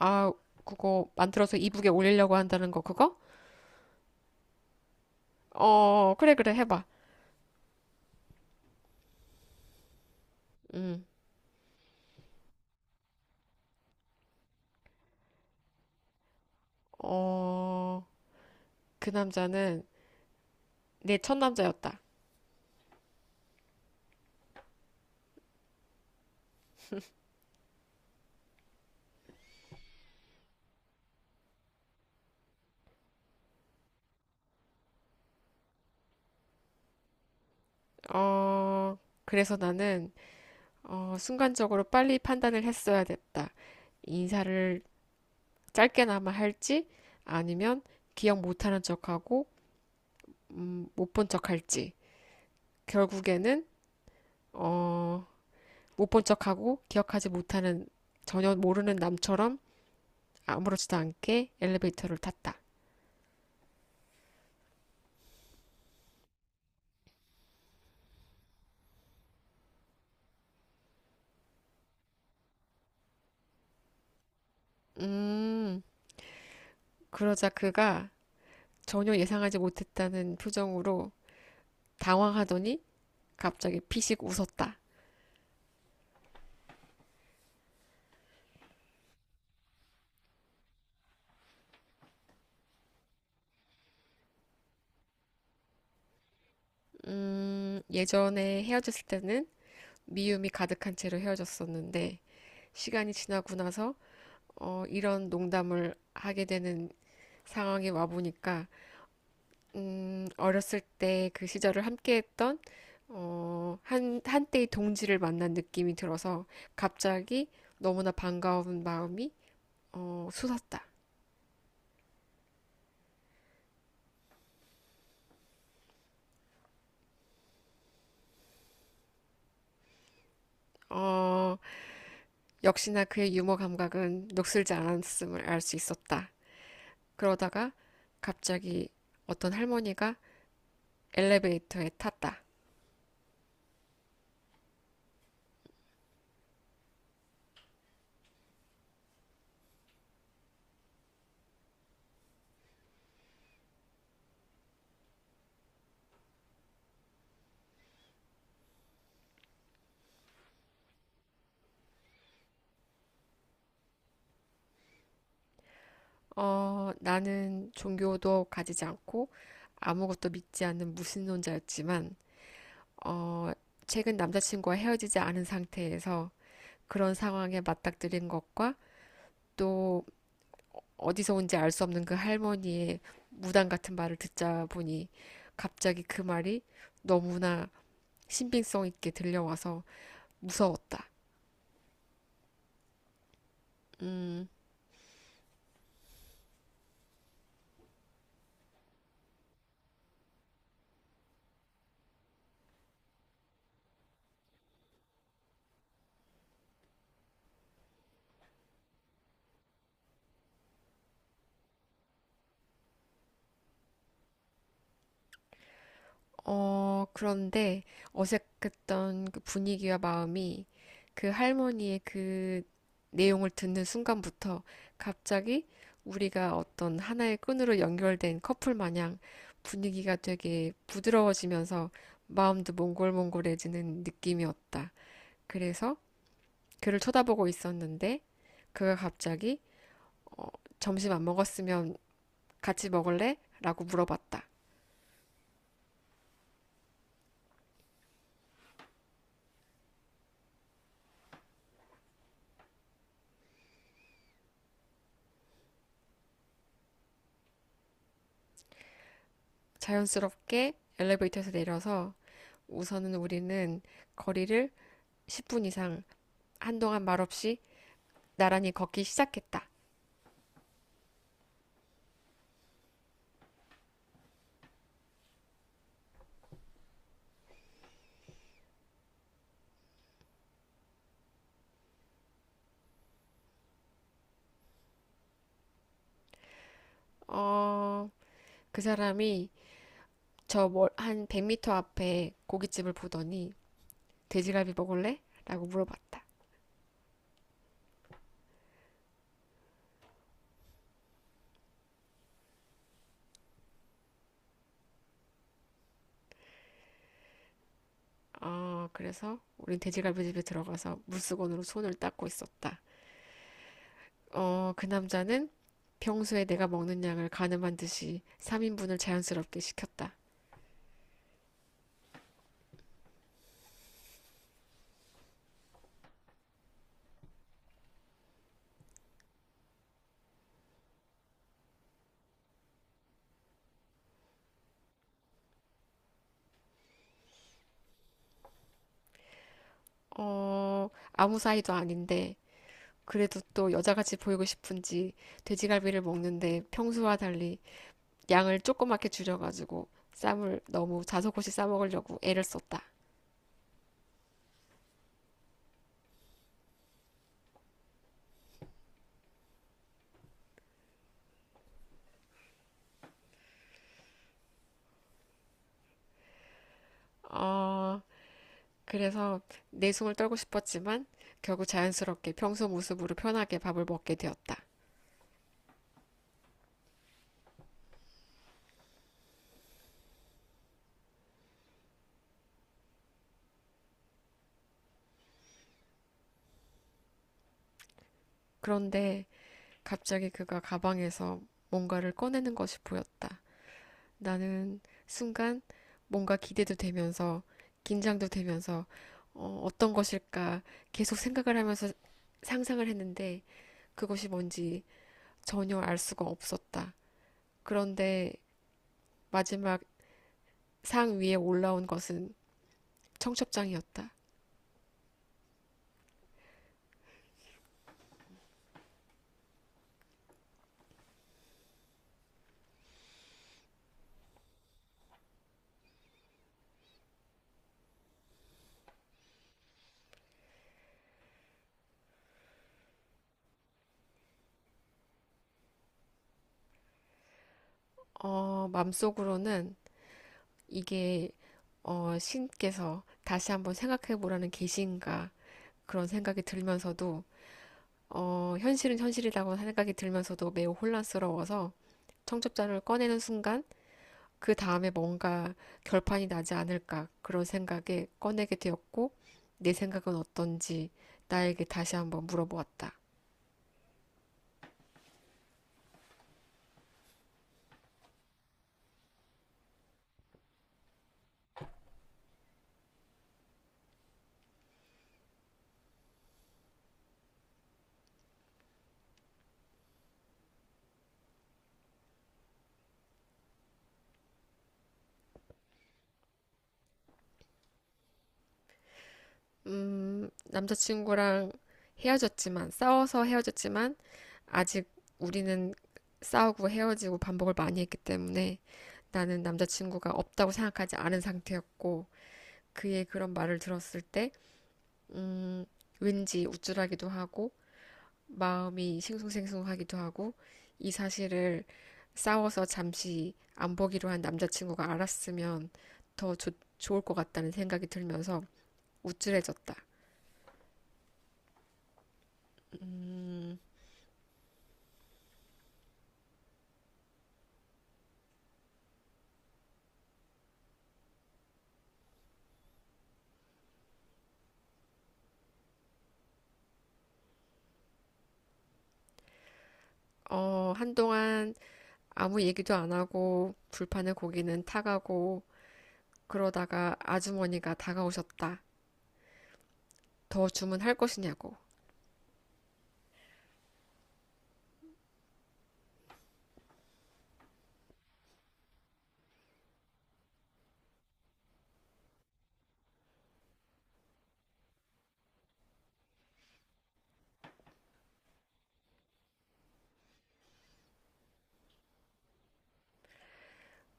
아, 그거 만들어서 이북에 올리려고 한다는 거 그거? 그래 그래 해봐. 음. 어, 그 남자는 내 첫 남자였다. 어, 그래서 나는 순간적으로 빨리 판단을 했어야 됐다. 인사를 짧게나마 할지 아니면 기억 못하는 척하고 못 본 척할지 결국에는 어, 못 본 척하고 기억하지 못하는 전혀 모르는 남처럼 아무렇지도 않게 엘리베이터를 탔다. 음, 그러자 그가 전혀 예상하지 못했다는 표정으로 당황하더니 갑자기 피식 웃었다. 예전에 헤어졌을 때는 미움이 가득한 채로 헤어졌었는데 시간이 지나고 나서 이런 농담을 하게 되는 상황이 와보니까 어렸을 때 그 시절을 함께했던 한때의 동지를 만난 느낌이 들어서 갑자기 너무나 반가운 마음이 솟았다. 어, 역시나 그의 유머 감각은 녹슬지 않았음을 알 수 있었다. 그러다가 갑자기 어떤 할머니가 엘리베이터에 탔다. 나는 종교도 가지지 않고 아무것도 믿지 않는 무신론자였지만, 어, 최근 남자친구와 헤어지지 않은 상태에서 그런 상황에 맞닥뜨린 것과 또 어디서 온지 알 수 없는 그 할머니의 무당 같은 말을 듣자 보니 갑자기 그 말이 너무나 신빙성 있게 들려와서 무서웠다. 음, 그런데 어색했던 그 분위기와 마음이 그 할머니의 그 내용을 듣는 순간부터 갑자기 우리가 어떤 하나의 끈으로 연결된 커플 마냥 분위기가 되게 부드러워지면서 마음도 몽골몽골해지는 느낌이었다. 그래서 그를 쳐다보고 있었는데 그가 갑자기 어, 점심 안 먹었으면 같이 먹을래 라고 물어봤다. 자연스럽게 엘리베이터에서 내려서 우선은 우리는 거리를 10분 이상 한동안 말없이 나란히 걷기 시작했다. 어, 그 사람이 한 100m 앞에 고깃집을 보더니 돼지갈비 먹을래 라고 물어봤다. 그래서 우린 돼지갈비집에 들어가서 물수건으로 손을 닦고 있었다. 그 남자는 평소에 내가 먹는 양을 가늠한 듯이 3인분을 자연스럽게 시켰다. 어, 아무 사이도 아닌데 그래도 또 여자같이 보이고 싶은지 돼지갈비를 먹는데 평소와 달리 양을 조그맣게 줄여가지고 쌈을 너무 자석없이 싸먹으려고 애를 썼다. 어, 그래서 내숭을 떨고 싶었지만 결국 자연스럽게 평소 모습으로 편하게 밥을 먹게 되었다. 그런데 갑자기 그가 가방에서 뭔가를 꺼내는 것이 보였다. 나는 순간 뭔가 기대도 되면서 긴장도 되면서 어떤 것일까 계속 생각을 하면서 상상을 했는데 그것이 뭔지 전혀 알 수가 없었다. 그런데 마지막 상 위에 올라온 것은 청첩장이었다. 속으로는 이게 신께서 다시 한번 생각해 보라는 계시인가 그런 생각이 들면서도 현실은 현실이라고 생각이 들면서도 매우 혼란스러워서 청첩장을 꺼내는 순간 그 다음에 뭔가 결판이 나지 않을까 그런 생각에 꺼내게 되었고 내 생각은 어떤지 나에게 다시 한번 물어보았다. 남자친구랑 헤어졌지만 싸워서 헤어졌지만 아직 우리는 싸우고 헤어지고 반복을 많이 했기 때문에 나는 남자친구가 없다고 생각하지 않은 상태였고 그의 그런 말을 들었을 때 음, 왠지 우쭐하기도 하고 마음이 싱숭생숭하기도 하고 이 사실을 싸워서 잠시 안 보기로 한 남자친구가 알았으면 좋을 것 같다는 생각이 들면서 우쭐해졌다. 한동안 아무 얘기도 안 하고 불판의 고기는 타가고 그러다가 아주머니가 다가오셨다. 더 주문할 것이냐고.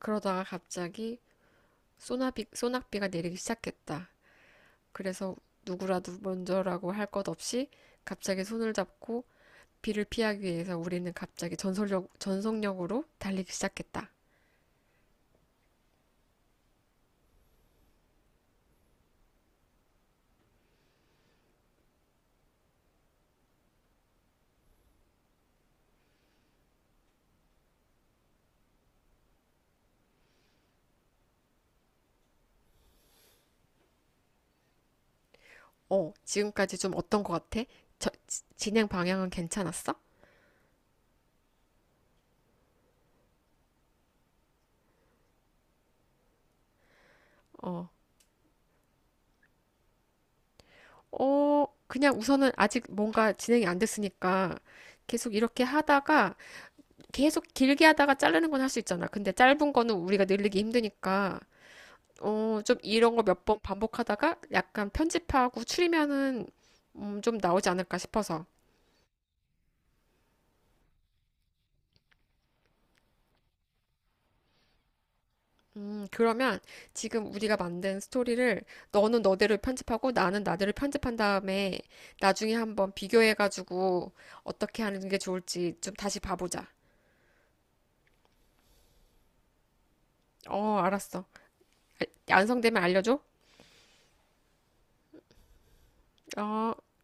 그러다가 갑자기 소낙비가 내리기 시작했다. 그래서 누구라도 먼저라고 할 것 없이 갑자기 손을 잡고 비를 피하기 위해서 우리는 갑자기 전속력으로 달리기 시작했다. 지금까지 좀 어떤 것 같아? 저, 진행 방향은 괜찮았어? 어, 그냥 우선은 아직 뭔가 진행이 안 됐으니까 계속 이렇게 하다가 계속 길게 하다가 자르는 건 할 수 있잖아. 근데 짧은 거는 우리가 늘리기 힘드니까 좀 이런 거 몇 번 반복하다가 약간 편집하고 추리면은 좀 나오지 않을까 싶어서. 그러면 지금 우리가 만든 스토리를 너는 너대로 편집하고 나는 나대로 편집한 다음에 나중에 한번 비교해가지고 어떻게 하는 게 좋을지 좀 다시 봐보자. 어, 알았어. 완성되면 알려줘. 어.